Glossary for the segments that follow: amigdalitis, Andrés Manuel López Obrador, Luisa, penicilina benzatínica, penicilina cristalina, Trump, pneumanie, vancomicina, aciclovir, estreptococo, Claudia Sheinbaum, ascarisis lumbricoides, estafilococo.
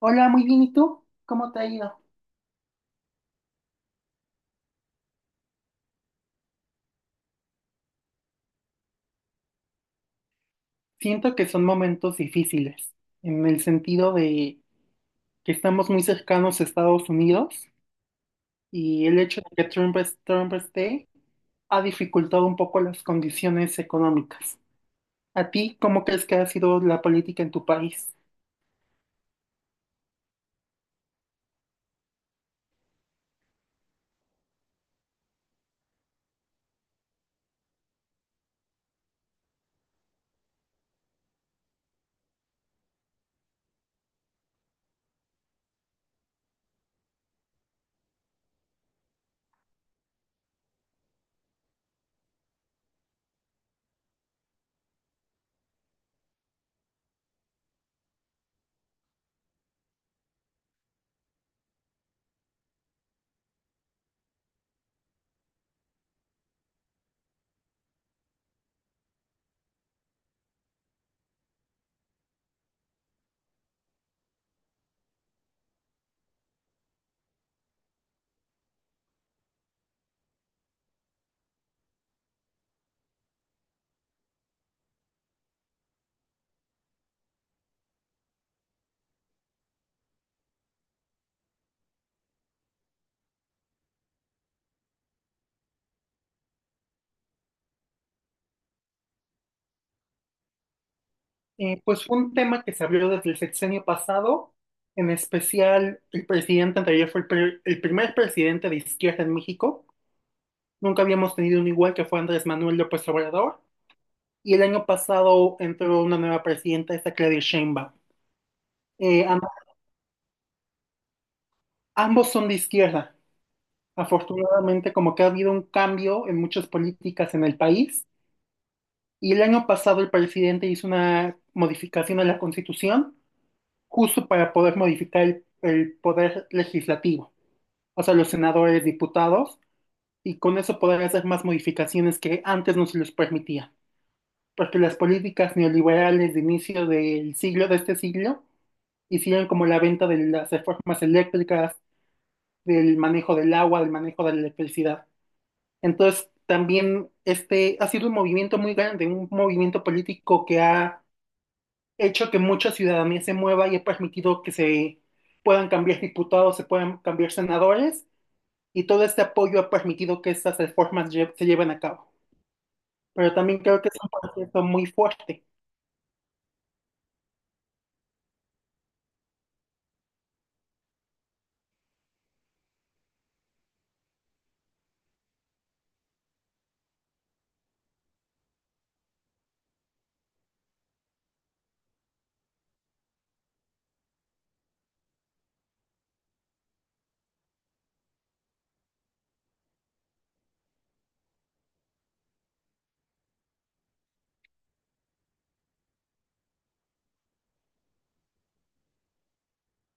Hola, muy bien. ¿Y tú? ¿Cómo te ha ido? Siento que son momentos difíciles, en el sentido de que estamos muy cercanos a Estados Unidos y el hecho de que Trump esté ha dificultado un poco las condiciones económicas. ¿A ti cómo crees que ha sido la política en tu país? Pues fue un tema que se abrió desde el sexenio pasado, en especial el presidente anterior fue el primer presidente de izquierda en México. Nunca habíamos tenido un igual que fue Andrés Manuel López Obrador. Y el año pasado entró una nueva presidenta, esa Claudia Sheinbaum. Eh, am- Ambos son de izquierda. Afortunadamente, como que ha habido un cambio en muchas políticas en el país. Y el año pasado el presidente hizo una modificación a la Constitución justo para poder modificar el poder legislativo, o sea, los senadores, diputados, y con eso poder hacer más modificaciones que antes no se les permitía, porque las políticas neoliberales de inicio de este siglo, hicieron como la venta de las reformas eléctricas, del manejo del agua, del manejo de la electricidad. Entonces, también este ha sido un movimiento muy grande, un movimiento político que ha hecho que mucha ciudadanía se mueva y ha permitido que se puedan cambiar diputados, se puedan cambiar senadores, y todo este apoyo ha permitido que estas se lleven a cabo. Pero también creo que es un proceso muy fuerte.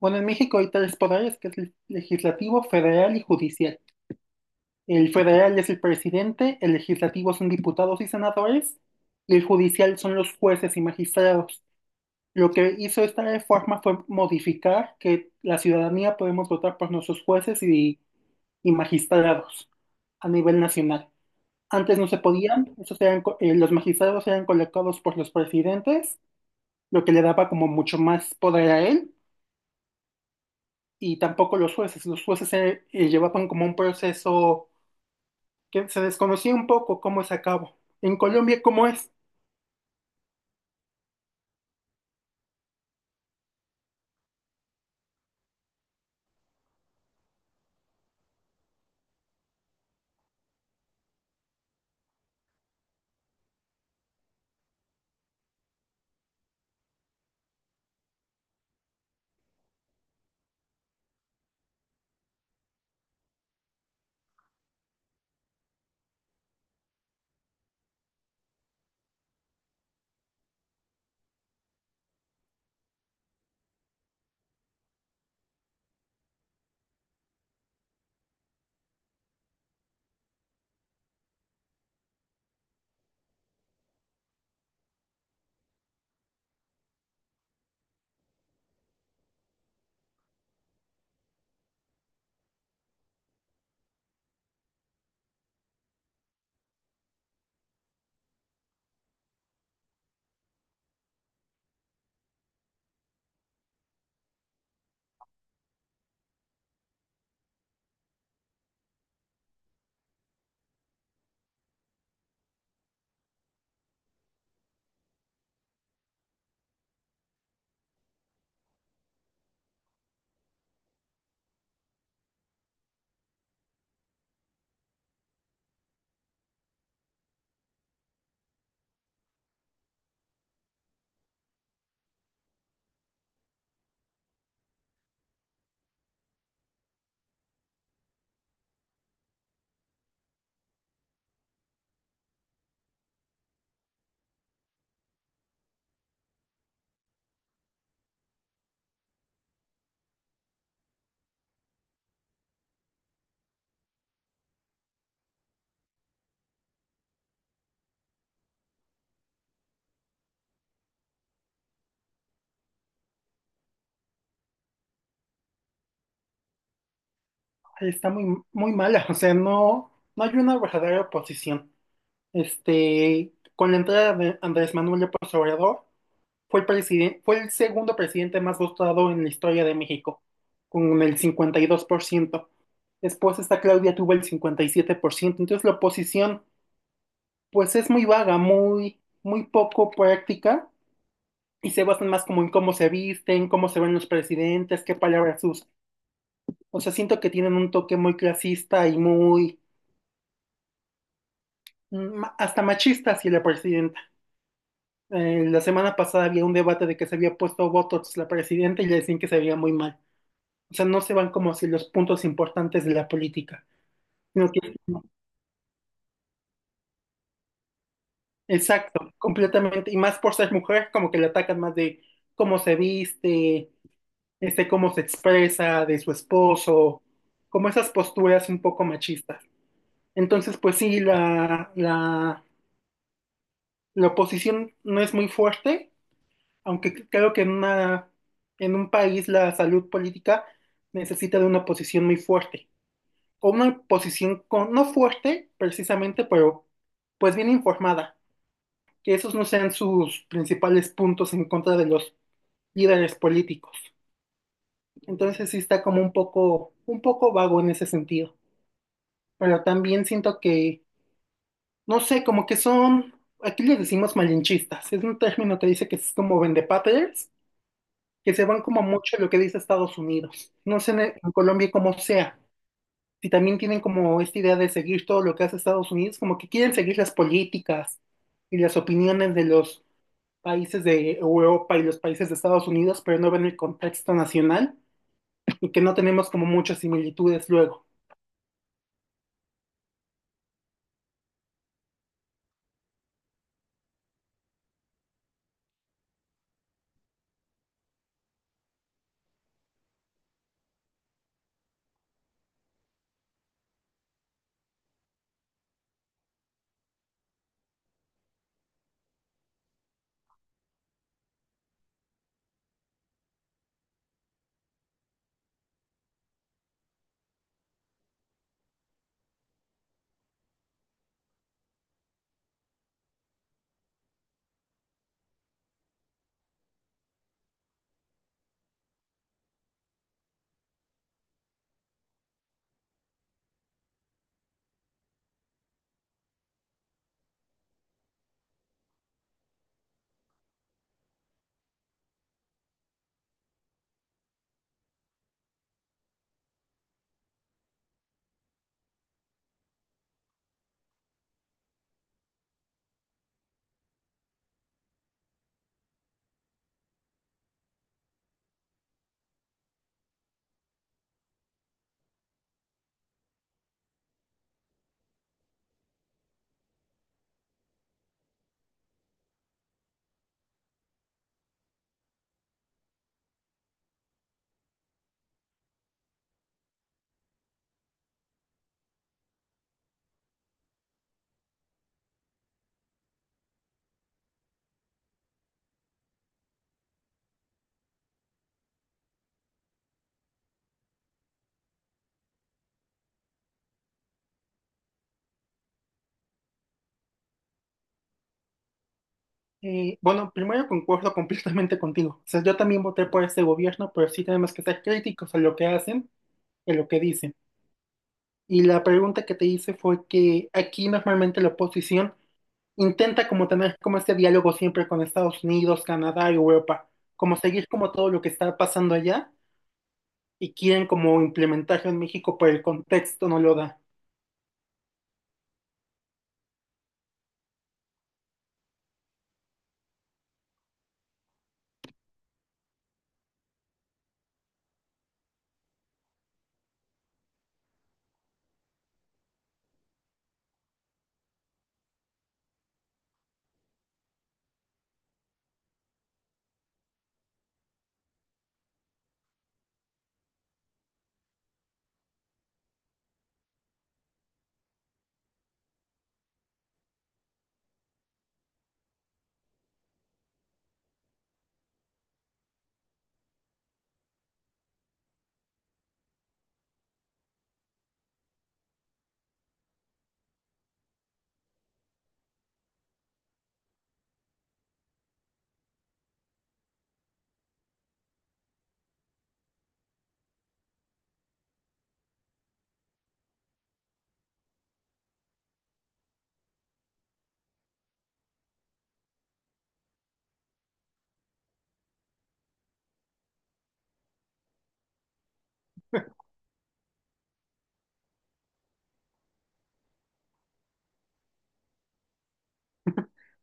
Bueno, en México hay tres poderes, que es el legislativo, federal y judicial. El federal es el presidente, el legislativo son diputados y senadores, y el judicial son los jueces y magistrados. Lo que hizo esta reforma fue modificar que la ciudadanía podemos votar por nuestros y magistrados a nivel nacional. Antes no se podían, los magistrados eran colocados por los presidentes, lo que le daba como mucho más poder a él, y tampoco los jueces. Los jueces llevaban como un proceso que se desconocía un poco cómo se acabó. En Colombia, ¿cómo es? Está muy, muy mala, o sea, no, no hay una verdadera oposición. Este, con la entrada de Andrés Manuel López Obrador, fue el presidente, fue el segundo presidente más votado en la historia de México, con el 52%. Después esta Claudia tuvo el 57%. Entonces la oposición, pues es muy vaga, muy, muy poco práctica y se basan más como en cómo se visten, cómo se ven los presidentes, qué palabras usan. O sea, siento que tienen un toque muy clasista y muy, mm, hasta machista hacia la presidenta. La semana pasada había un debate de que se había puesto Botox la presidenta y le decían que se veía muy mal. O sea, no se van como hacia los puntos importantes de la política, sino que, exacto, completamente. Y más por ser mujer, como que le atacan más de cómo se viste, este, cómo se expresa, de su esposo, como esas posturas un poco machistas. Entonces, pues sí, la oposición no es muy fuerte, aunque creo que en una, en un país la salud política necesita de una oposición muy fuerte. O una oposición con, no fuerte precisamente, pero pues bien informada. Que esos no sean sus principales puntos en contra de los líderes políticos. Entonces sí está como un poco vago en ese sentido. Pero también siento que, no sé, como que son, aquí les decimos malinchistas. Es un término que dice que es como vendepatrias que se van como mucho en lo que dice Estados Unidos. No sé en Colombia cómo sea. Si también tienen como esta idea de seguir todo lo que hace Estados Unidos, como que quieren seguir las políticas y las opiniones de los países de Europa y los países de Estados Unidos, pero no ven el contexto nacional y que no tenemos como muchas similitudes luego. Bueno, primero concuerdo completamente contigo. O sea, yo también voté por este gobierno, pero sí tenemos que ser críticos a lo que hacen, a lo que dicen. Y la pregunta que te hice fue que aquí normalmente la oposición intenta como tener como este diálogo siempre con Estados Unidos, Canadá, Europa, como seguir como todo lo que está pasando allá y quieren como implementarlo en México, pero el contexto no lo da.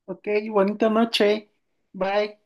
Ok, bonita noche. Bye.